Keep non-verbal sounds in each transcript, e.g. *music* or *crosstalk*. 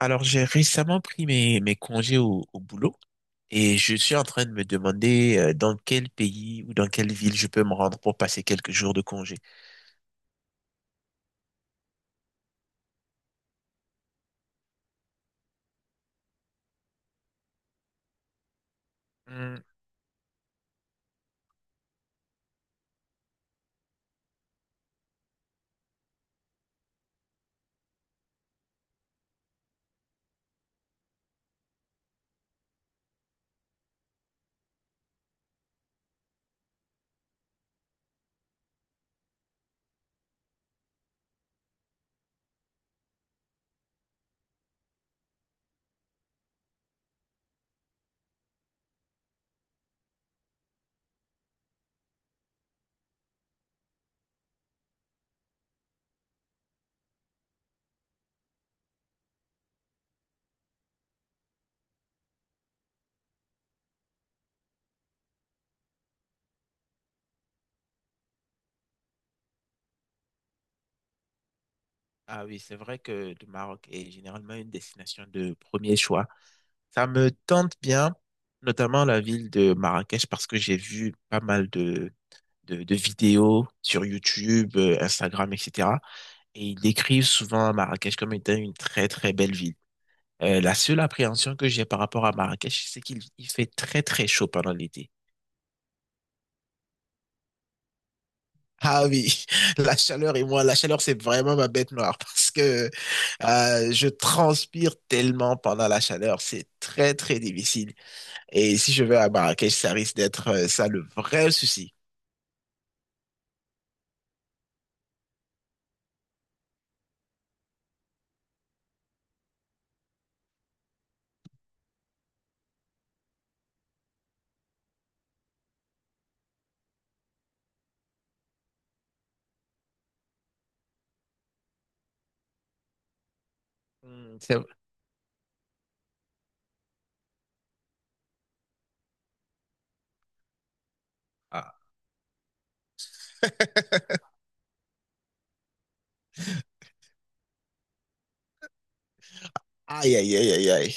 Alors, j'ai récemment pris mes congés au boulot et je suis en train de me demander dans quel pays ou dans quelle ville je peux me rendre pour passer quelques jours de congé. Hmm. Ah oui, c'est vrai que le Maroc est généralement une destination de premier choix. Ça me tente bien, notamment la ville de Marrakech, parce que j'ai vu pas mal de vidéos sur YouTube, Instagram, etc. Et ils décrivent souvent Marrakech comme étant une très très belle ville. La seule appréhension que j'ai par rapport à Marrakech, c'est qu'il il fait très très chaud pendant l'été. Ah oui, *laughs* la chaleur et moi, la chaleur, c'est vraiment ma bête noire *laughs* parce que je transpire tellement pendant la chaleur, c'est très très difficile. Et si je vais à Marrakech, ça risque d'être ça le vrai souci. Hmm, c'est- Ah. *laughs* Aïe, aïe, aïe, aïe, aïe.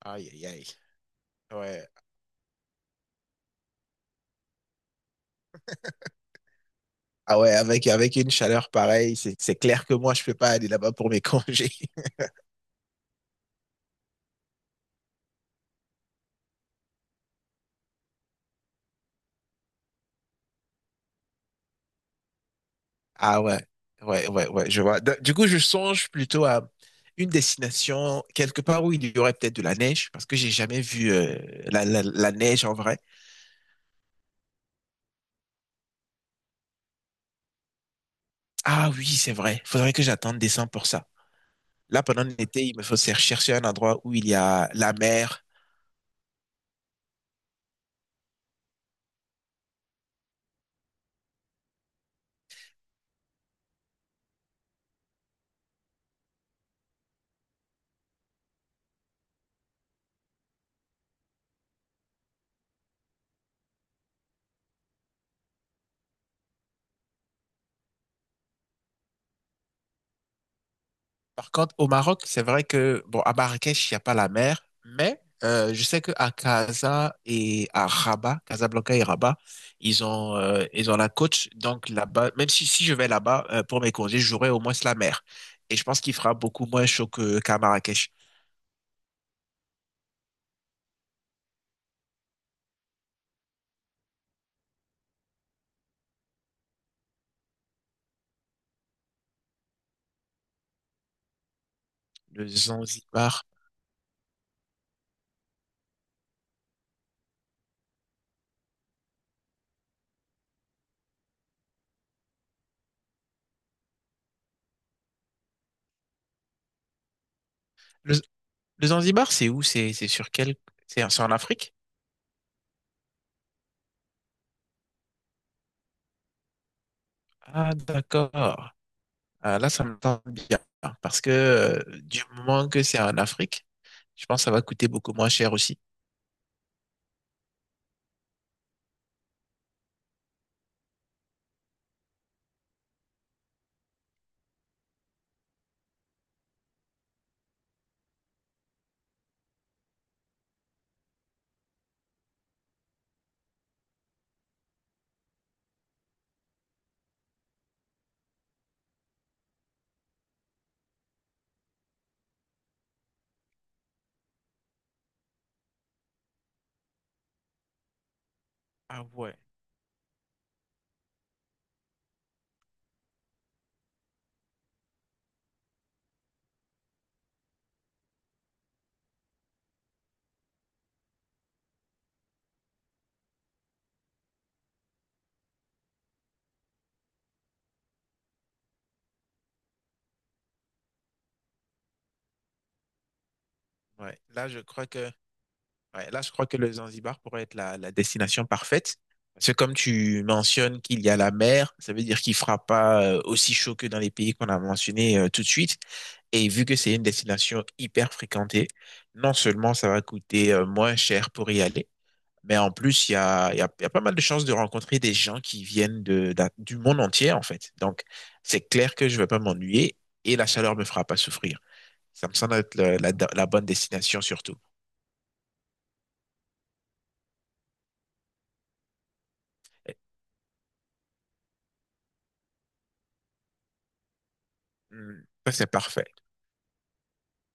Aïe, aïe, aïe. Ouais. Ah ouais, avec une chaleur pareille, c'est clair que moi, je peux pas aller là-bas pour mes *laughs* congés. Ah ouais, ouais, ouais, ouais, je vois. Du coup, je songe plutôt à une destination, quelque part où il y aurait peut-être de la neige, parce que j'ai jamais vu la neige en vrai. Ah oui, c'est vrai. Faudrait que j'attende décembre pour ça. Là, pendant l'été, il me faut chercher un endroit où il y a la mer. Par contre, au Maroc, c'est vrai que, bon, à Marrakech, il n'y a pas la mer, mais je sais que à Casa et à Rabat, Casablanca et Rabat, ils ont la côte. Donc là-bas, même si, si je vais là-bas pour mes congés, j'aurai au moins la mer. Et je pense qu'il fera beaucoup moins chaud que, qu'à Marrakech. Le Zanzibar. Le, le Zanzibar, c'est où? C'est sur quel? C'est en Afrique? Ah, d'accord. Ah, là, ça me tente bien. Parce que du moment que c'est en Afrique, je pense que ça va coûter beaucoup moins cher aussi. Ah ouais, ouais. Là, je crois que, ouais, là, je crois que le Zanzibar pourrait être la, la destination parfaite. Parce que comme tu mentionnes qu'il y a la mer, ça veut dire qu'il fera pas aussi chaud que dans les pays qu'on a mentionnés tout de suite. Et vu que c'est une destination hyper fréquentée, non seulement ça va coûter moins cher pour y aller, mais en plus, il y a, il y a, il y a pas mal de chances de rencontrer des gens qui viennent du monde entier, en fait. Donc, c'est clair que je vais pas m'ennuyer et la chaleur me fera pas souffrir. Ça me semble être la, la bonne destination surtout. Et, ça, c'est parfait.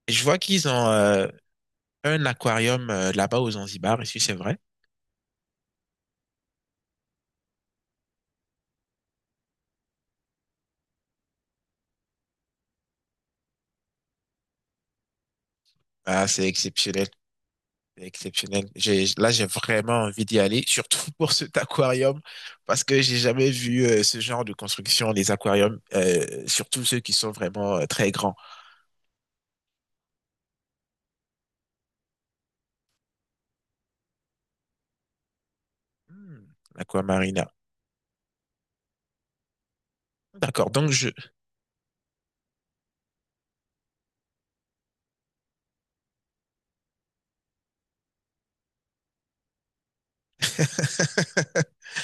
Je vois qu'ils ont un aquarium là-bas aux Zanzibar, et si c'est vrai. Ah, c'est exceptionnel. C'est exceptionnel. J'ai, là, j'ai vraiment envie d'y aller, surtout *laughs* pour cet aquarium, parce que j'ai jamais vu ce genre de construction, les aquariums, surtout ceux qui sont vraiment très grands. Hmm. Aquamarina. D'accord, donc je... *laughs*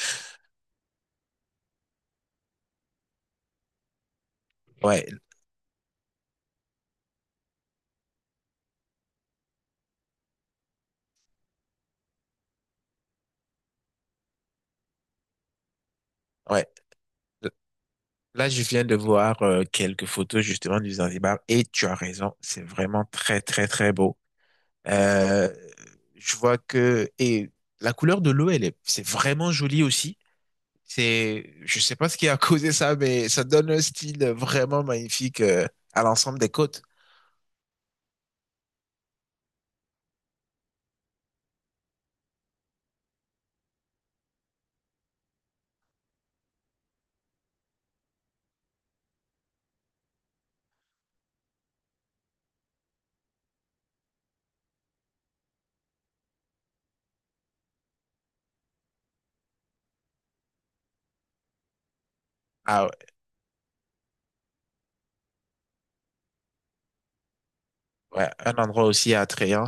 Ouais, ouais. Là, je viens de voir quelques photos justement du Zanzibar et tu as raison, c'est vraiment très très très beau. Euh, je vois que et la couleur de l'eau, elle est, c'est vraiment joli aussi. C'est, je sais pas ce qui a causé ça, mais ça donne un style vraiment magnifique à l'ensemble des côtes. Ah ouais, ouais, un endroit aussi attrayant.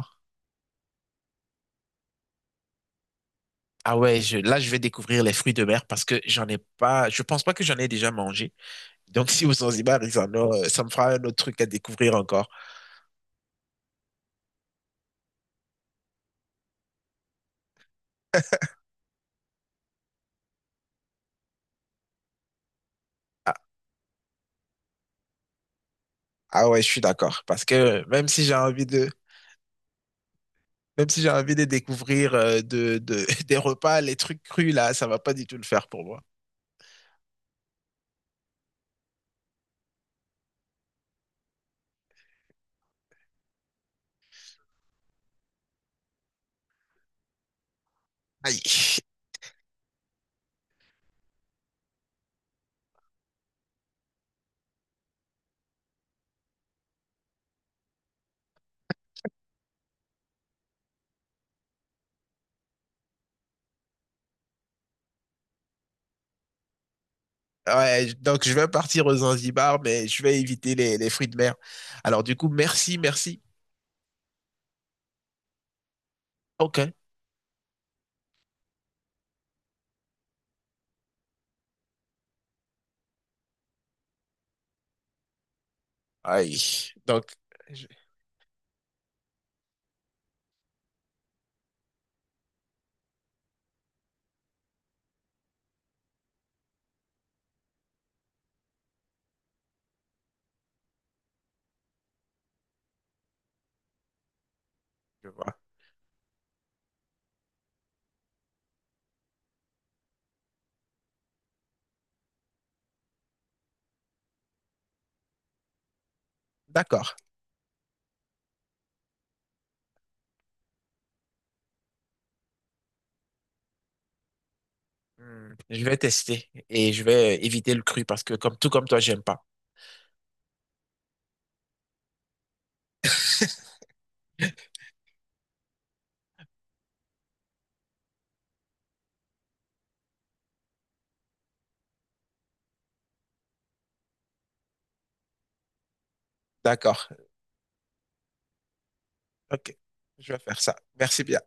Ah ouais, je, là je vais découvrir les fruits de mer parce que j'en ai pas, je pense pas que j'en ai déjà mangé. Donc si au Zanzibar ils en ont, ça me fera un autre truc à découvrir encore. Ah ouais, je suis d'accord. Parce que même si j'ai envie de, même si j'ai envie de découvrir *laughs* des repas, les trucs crus là, ça va pas du tout le faire pour moi. Aïe. Ouais, je- donc je vais partir aux Zanzibar, mais je vais éviter les fruits de mer. Alors du coup, merci, merci. Ok. Aïe. Donc, je, je vois. D'accord. Hmm. Je vais tester et je vais éviter le cru parce que comme tout comme toi, j'aime pas. *laughs* D'accord. Ok. Je vais faire ça. Merci bien.